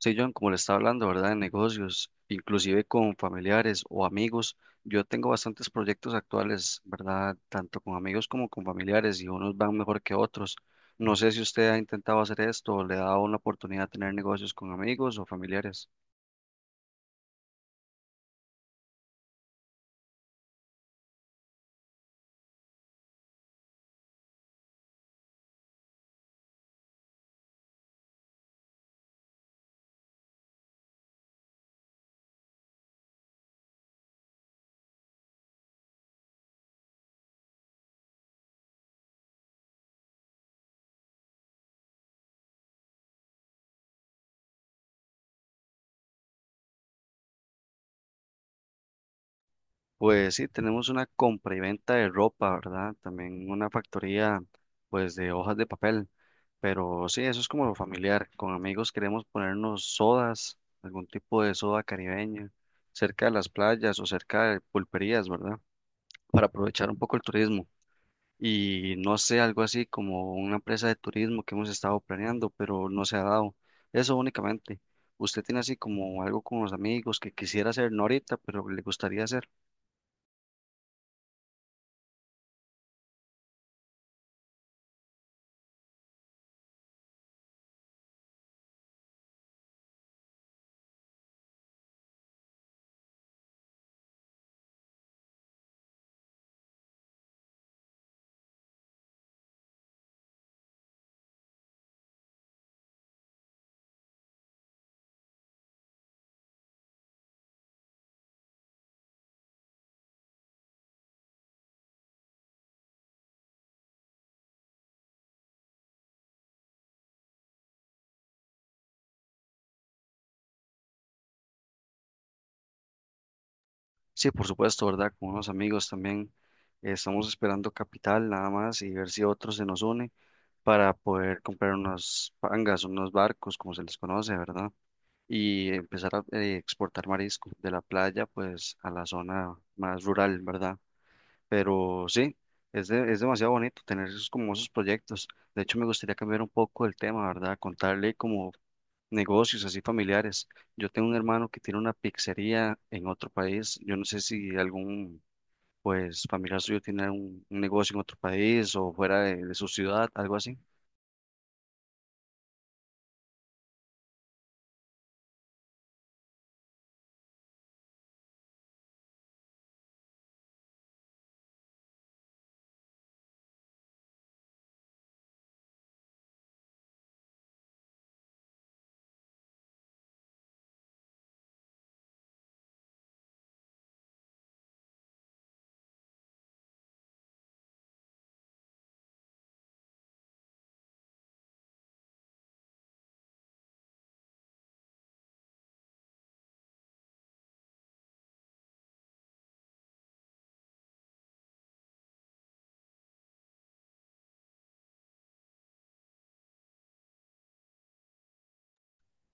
Sí, John, como le estaba hablando, ¿verdad? De negocios, inclusive con familiares o amigos. Yo tengo bastantes proyectos actuales, ¿verdad? Tanto con amigos como con familiares y unos van mejor que otros. No sé si usted ha intentado hacer esto o le ha dado una oportunidad de tener negocios con amigos o familiares. Pues sí, tenemos una compra y venta de ropa, ¿verdad? También una factoría, pues, de hojas de papel. Pero sí, eso es como lo familiar. Con amigos queremos ponernos sodas, algún tipo de soda caribeña, cerca de las playas o cerca de pulperías, ¿verdad? Para aprovechar un poco el turismo. Y no sé, algo así como una empresa de turismo que hemos estado planeando, pero no se ha dado. Eso únicamente. ¿Usted tiene así como algo con los amigos que quisiera hacer, no ahorita, pero le gustaría hacer? Sí, por supuesto, ¿verdad? Con unos amigos también. Estamos esperando capital nada más y ver si otro se nos une para poder comprar unos pangas, unos barcos, como se les conoce, ¿verdad? Y empezar a exportar marisco de la playa, pues, a la zona más rural, ¿verdad? Pero sí, es demasiado bonito tener esos, como esos proyectos. De hecho, me gustaría cambiar un poco el tema, ¿verdad? Contarle como negocios así familiares. Yo tengo un hermano que tiene una pizzería en otro país. Yo no sé si algún pues familiar suyo tiene un negocio en otro país o fuera de su ciudad, algo así.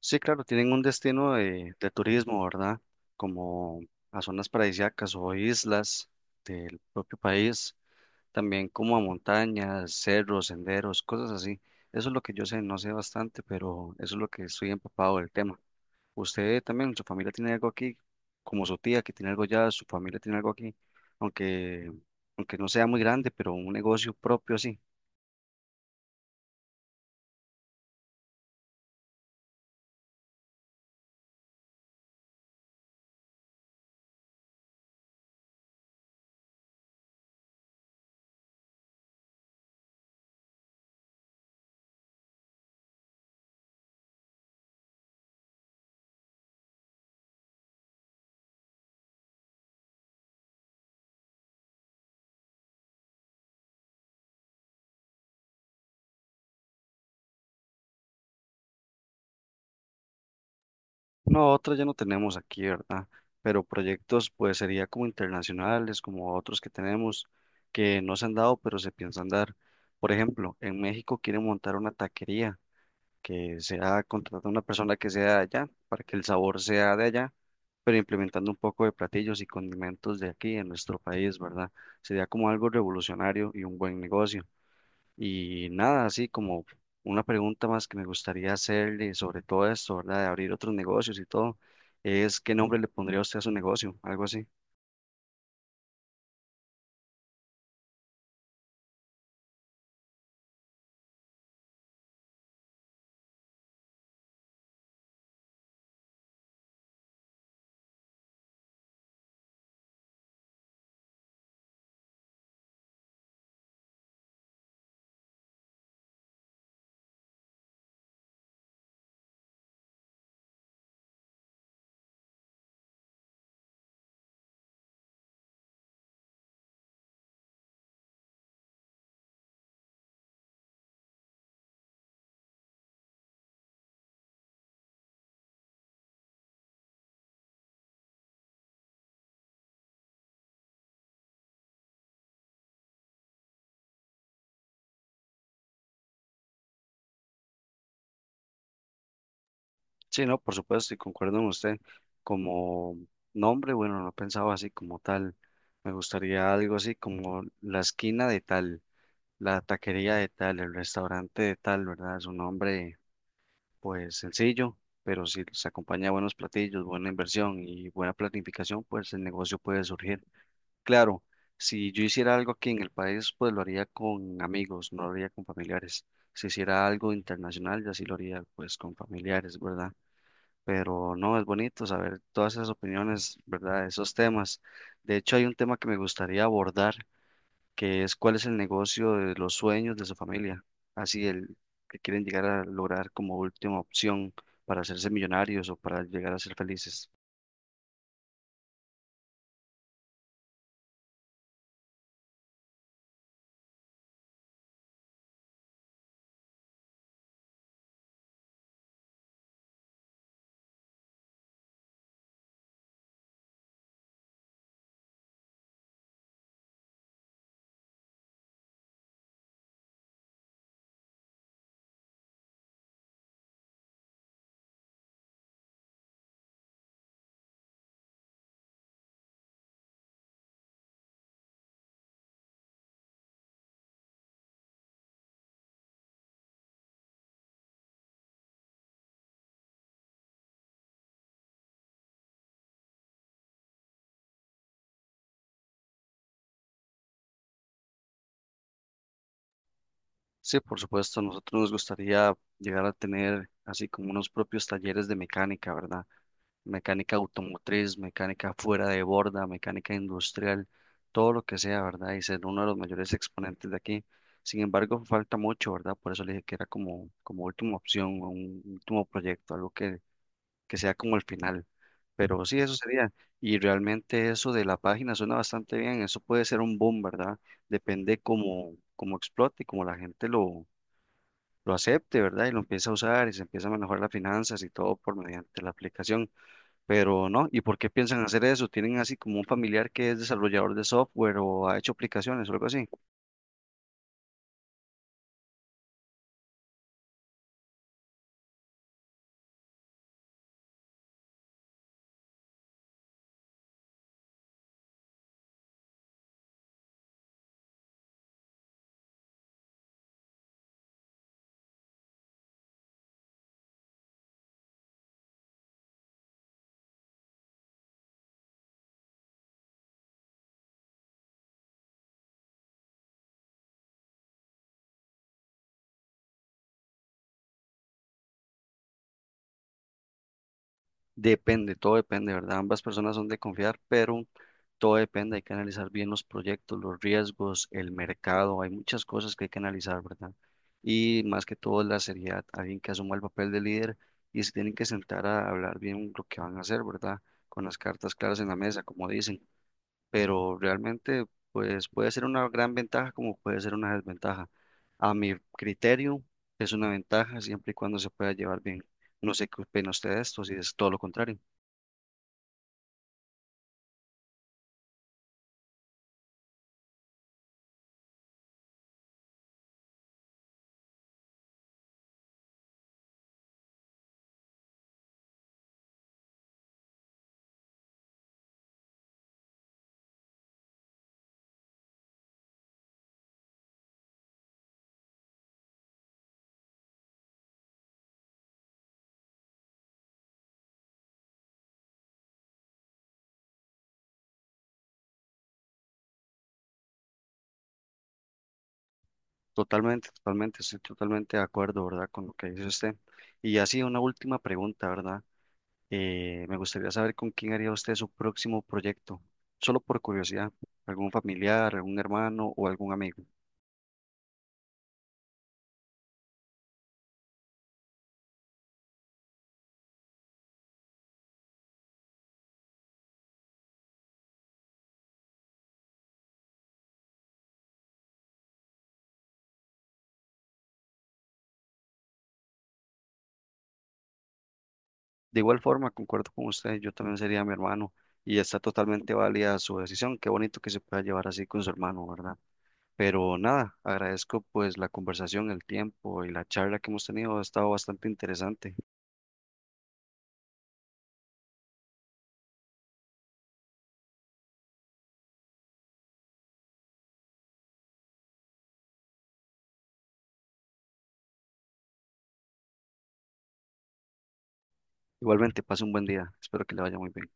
Sí, claro, tienen un destino de turismo, ¿verdad? Como a zonas paradisíacas o islas del propio país, también como a montañas, cerros, senderos, cosas así. Eso es lo que yo sé, no sé bastante, pero eso es lo que estoy empapado del tema. Usted también, su familia tiene algo aquí, como su tía que tiene algo allá, su familia tiene algo aquí, aunque, aunque no sea muy grande, pero un negocio propio así. No, otras ya no tenemos aquí, ¿verdad? Pero proyectos, pues sería como internacionales, como otros que tenemos que no se han dado, pero se piensan dar. Por ejemplo, en México quieren montar una taquería que sea contratar a una persona que sea de allá para que el sabor sea de allá, pero implementando un poco de platillos y condimentos de aquí en nuestro país, ¿verdad? Sería como algo revolucionario y un buen negocio. Y nada, así como una pregunta más que me gustaría hacerle sobre todo esto, ¿verdad? De abrir otros negocios y todo, es ¿qué nombre le pondría usted a su negocio? Algo así. Sí, no, por supuesto, y concuerdo con usted. Como nombre, bueno, no pensaba así como tal. Me gustaría algo así como la esquina de tal, la taquería de tal, el restaurante de tal, ¿verdad? Es un nombre, pues sencillo, pero si se acompaña a buenos platillos, buena inversión y buena planificación, pues el negocio puede surgir. Claro, si yo hiciera algo aquí en el país, pues lo haría con amigos, no lo haría con familiares. Si hiciera algo internacional, ya sí lo haría pues con familiares, ¿verdad? Pero no, es bonito saber todas esas opiniones, ¿verdad? Esos temas. De hecho, hay un tema que me gustaría abordar, que es cuál es el negocio de los sueños de su familia, así el que quieren llegar a lograr como última opción para hacerse millonarios o para llegar a ser felices. Sí, por supuesto, a nosotros nos gustaría llegar a tener así como unos propios talleres de mecánica, ¿verdad? Mecánica automotriz, mecánica fuera de borda, mecánica industrial, todo lo que sea, ¿verdad? Y ser uno de los mayores exponentes de aquí. Sin embargo, falta mucho, ¿verdad? Por eso le dije que era como última opción, un último proyecto, que sea como el final. Pero sí, eso sería. Y realmente eso de la página suena bastante bien. Eso puede ser un boom, ¿verdad? Depende cómo explote y cómo la gente lo acepte, ¿verdad? Y lo empieza a usar y se empieza a manejar las finanzas y todo por mediante la aplicación. Pero no, ¿y por qué piensan hacer eso? ¿Tienen así como un familiar que es desarrollador de software o ha hecho aplicaciones o algo así? Depende, todo depende, ¿verdad? Ambas personas son de confiar, pero todo depende. Hay que analizar bien los proyectos, los riesgos, el mercado. Hay muchas cosas que hay que analizar, ¿verdad? Y más que todo la seriedad, alguien que asuma el papel de líder y se tienen que sentar a hablar bien lo que van a hacer, ¿verdad? Con las cartas claras en la mesa, como dicen, pero realmente pues puede ser una gran ventaja como puede ser una desventaja. A mi criterio es una ventaja siempre y cuando se pueda llevar bien. No sé qué opina usted de esto, si es todo lo contrario. Totalmente, totalmente, estoy totalmente de acuerdo, ¿verdad? Con lo que dice usted. Y así una última pregunta, ¿verdad? Me gustaría saber con quién haría usted su próximo proyecto, solo por curiosidad, algún familiar, algún hermano o algún amigo. De igual forma, concuerdo con usted, yo también sería mi hermano y está totalmente válida su decisión. Qué bonito que se pueda llevar así con su hermano, ¿verdad? Pero nada, agradezco pues la conversación, el tiempo y la charla que hemos tenido. Ha estado bastante interesante. Igualmente, pase un buen día. Espero que le vaya muy bien.